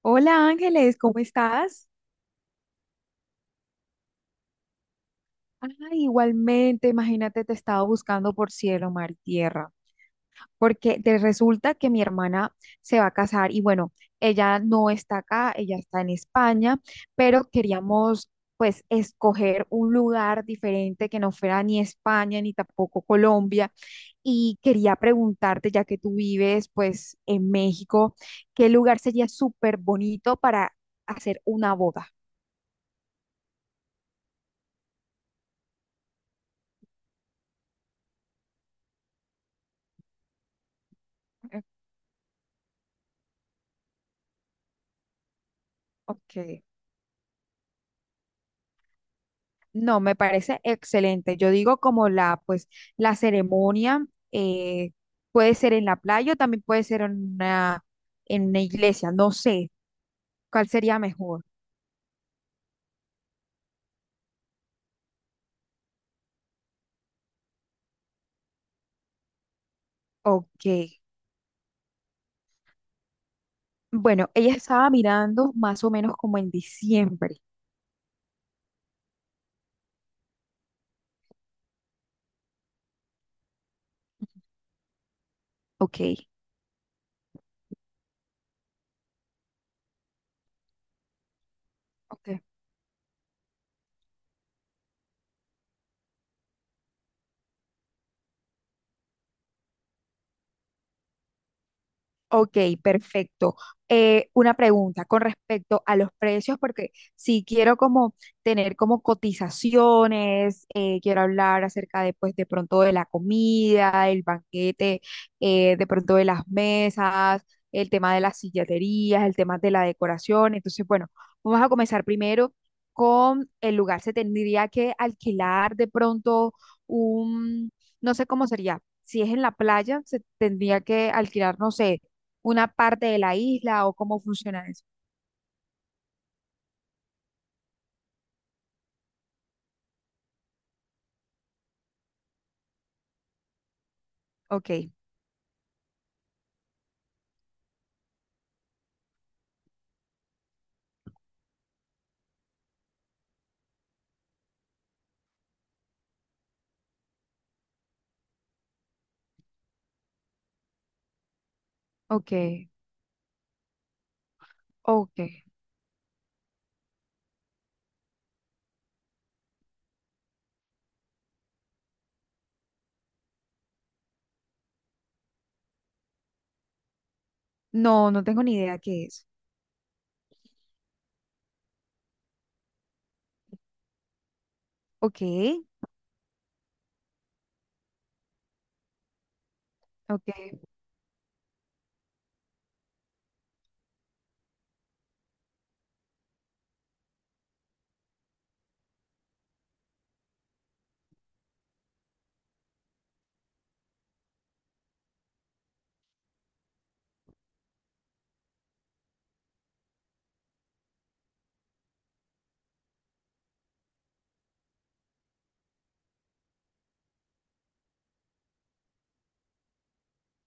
Hola Ángeles, ¿cómo estás? Ah, igualmente, imagínate, te estaba buscando por cielo, mar y tierra, porque te resulta que mi hermana se va a casar y bueno, ella no está acá, ella está en España, pero queríamos pues escoger un lugar diferente que no fuera ni España ni tampoco Colombia y quería preguntarte, ya que tú vives pues en México, ¿qué lugar sería súper bonito para hacer una boda? Eh, Ok. No, me parece excelente. Yo digo como la, pues, la ceremonia eh, puede ser en la playa o también puede ser en una iglesia. No sé cuál sería mejor. Ok. Bueno, ella estaba mirando más o menos como en diciembre. Ok. Ok. Ok, perfecto. Una pregunta con respecto a los precios, porque si quiero como tener como cotizaciones, quiero hablar acerca de pues de pronto de la comida, el banquete, de pronto de las mesas, el tema de las silleterías, el tema de la decoración. Entonces, bueno, vamos a comenzar primero con el lugar. Se tendría que alquilar de pronto un, no sé cómo sería. Si es en la playa, se tendría que alquilar, no sé una parte de la isla o cómo funciona eso. Ok, ok, ok. No, no tengo ni idea qué es. Ok, ok,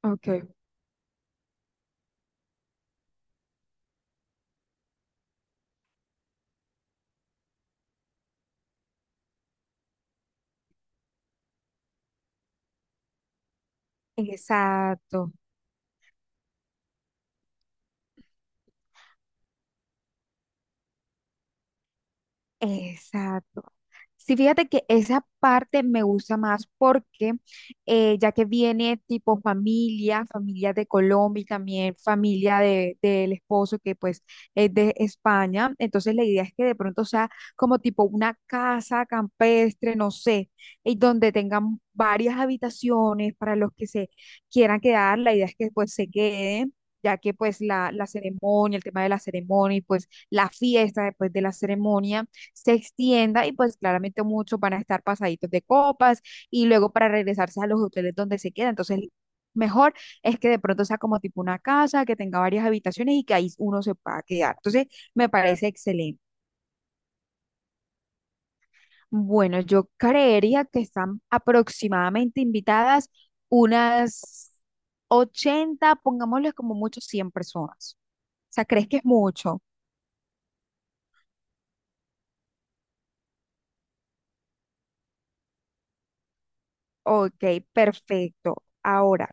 ok. Exacto. Exacto. Sí, fíjate que esa parte me gusta más porque ya que viene tipo familia, familia de Colombia y también familia de, del esposo que pues es de España, entonces la idea es que de pronto sea como tipo una casa campestre, no sé, y donde tengan varias habitaciones para los que se quieran quedar, la idea es que pues se queden. Ya que pues la ceremonia, el tema de la ceremonia y pues la fiesta después de la ceremonia se extienda y pues claramente muchos van a estar pasaditos de copas y luego para regresarse a los hoteles donde se queda. Entonces, mejor es que de pronto sea como tipo una casa, que tenga varias habitaciones y que ahí uno se pueda quedar. Entonces, me parece excelente. Bueno, yo creería que están aproximadamente invitadas unas 80, pongámosle como mucho 100 personas. O sea, ¿crees que es mucho? Ok, perfecto. Ahora,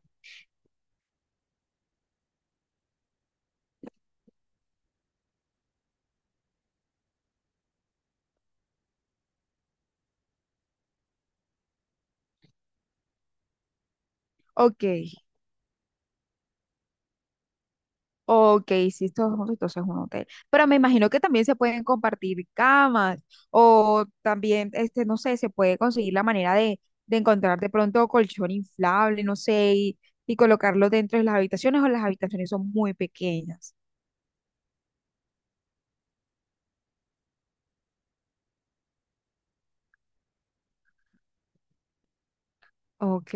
ok. Ok, sí, todos juntos, entonces es un hotel. Pero me imagino que también se pueden compartir camas o también, este, no sé, se puede conseguir la manera de encontrar de pronto colchón inflable, no sé, y colocarlo dentro de las habitaciones o las habitaciones son muy pequeñas. Ok.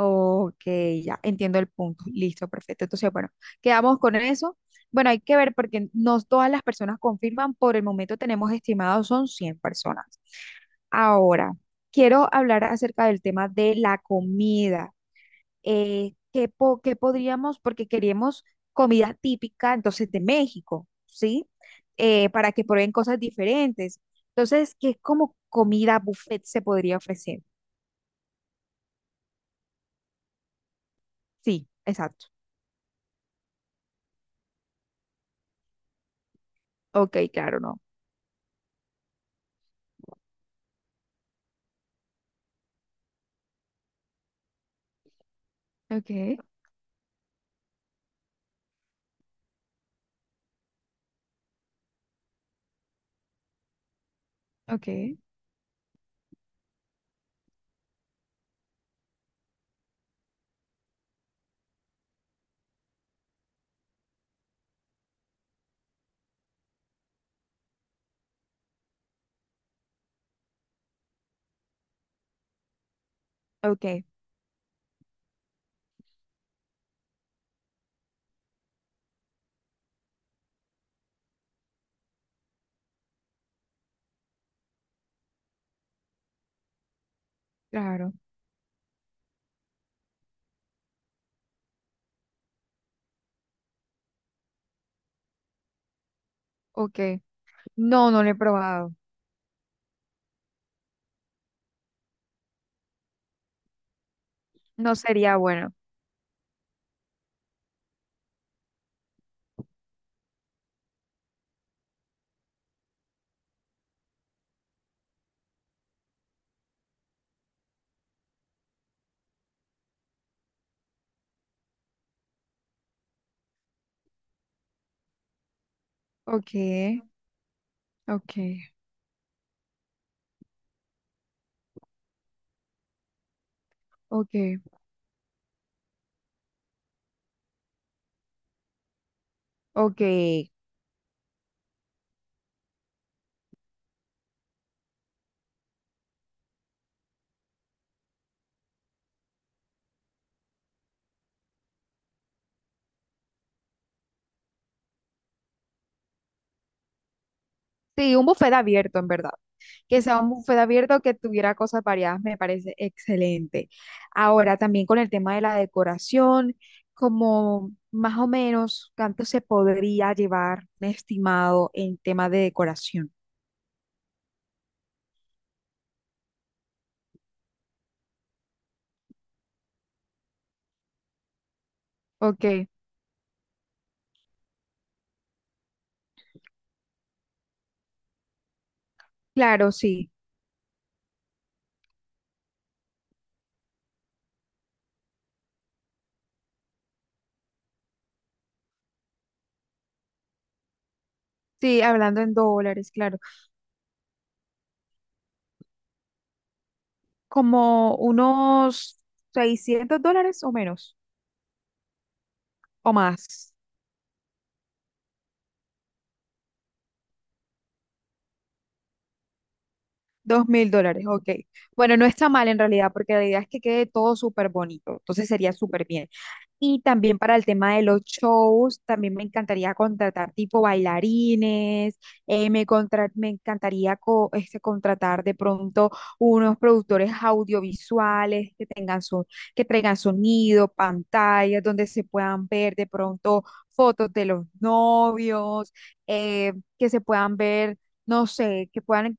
Ok, ya entiendo el punto. Listo, perfecto. Entonces, bueno, quedamos con eso. Bueno, hay que ver porque no todas las personas confirman. Por el momento tenemos estimados son 100 personas. Ahora, quiero hablar acerca del tema de la comida. ¿Qué, qué podríamos? Porque queremos comida típica, entonces, de México, ¿sí? Para que prueben cosas diferentes. Entonces, ¿qué como comida buffet se podría ofrecer? Sí, exacto. Ok, claro, no. Okay, okay, okay, claro, okay. No, no lo he probado. No sería bueno. Okay, okay, okay, ok. Sí, un buffet abierto, en verdad. Que sea un buffet abierto que tuviera cosas variadas, me parece excelente. Ahora, también con el tema de la decoración, como más o menos cuánto se podría llevar un estimado en tema de decoración. Ok, claro, sí. Sí, hablando en dólares, claro. Como unos 600 dólares o menos, o más. 2000 dólares, ok. Bueno, no está mal en realidad, porque la idea es que quede todo súper bonito. Entonces sería súper bien. Y también para el tema de los shows, también me encantaría contratar tipo bailarines, me encantaría este, contratar de pronto unos productores audiovisuales que tengan su que traigan sonido, pantallas donde se puedan ver de pronto fotos de los novios, que se puedan ver, no sé, que puedan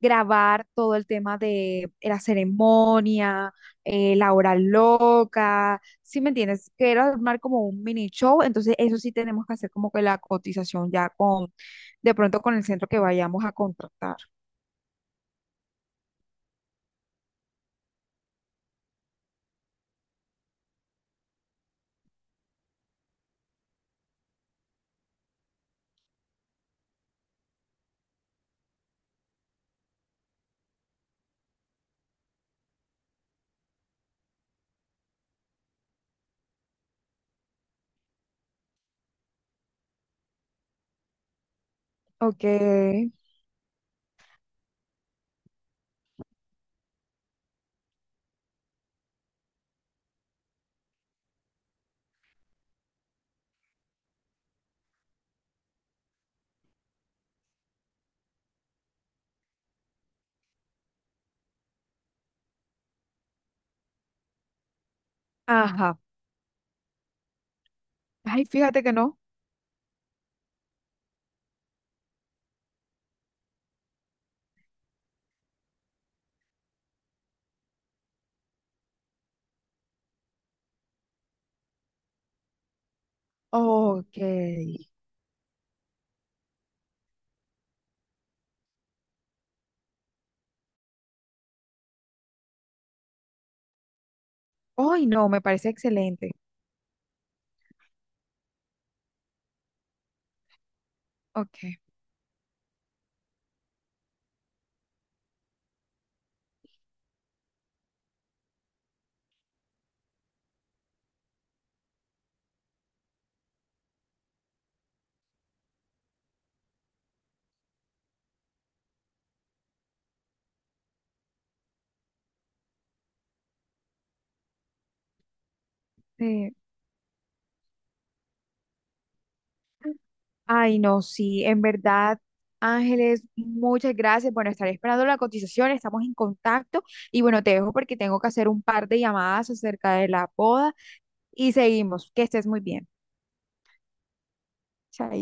grabar todo el tema de la ceremonia, la hora loca si me entiendes, que era armar como un mini show, entonces eso sí tenemos que hacer como que la cotización ya con, de pronto con el centro que vayamos a contratar. Ok, ajá. Ay, fíjate que no. Ok. Ay, no, me parece excelente. Ok. Sí. Ay, no, sí, en verdad, Ángeles, muchas gracias. Bueno, estaré esperando la cotización, estamos en contacto y bueno, te dejo porque tengo que hacer un par de llamadas acerca de la boda y seguimos. Que estés muy bien. Chaito.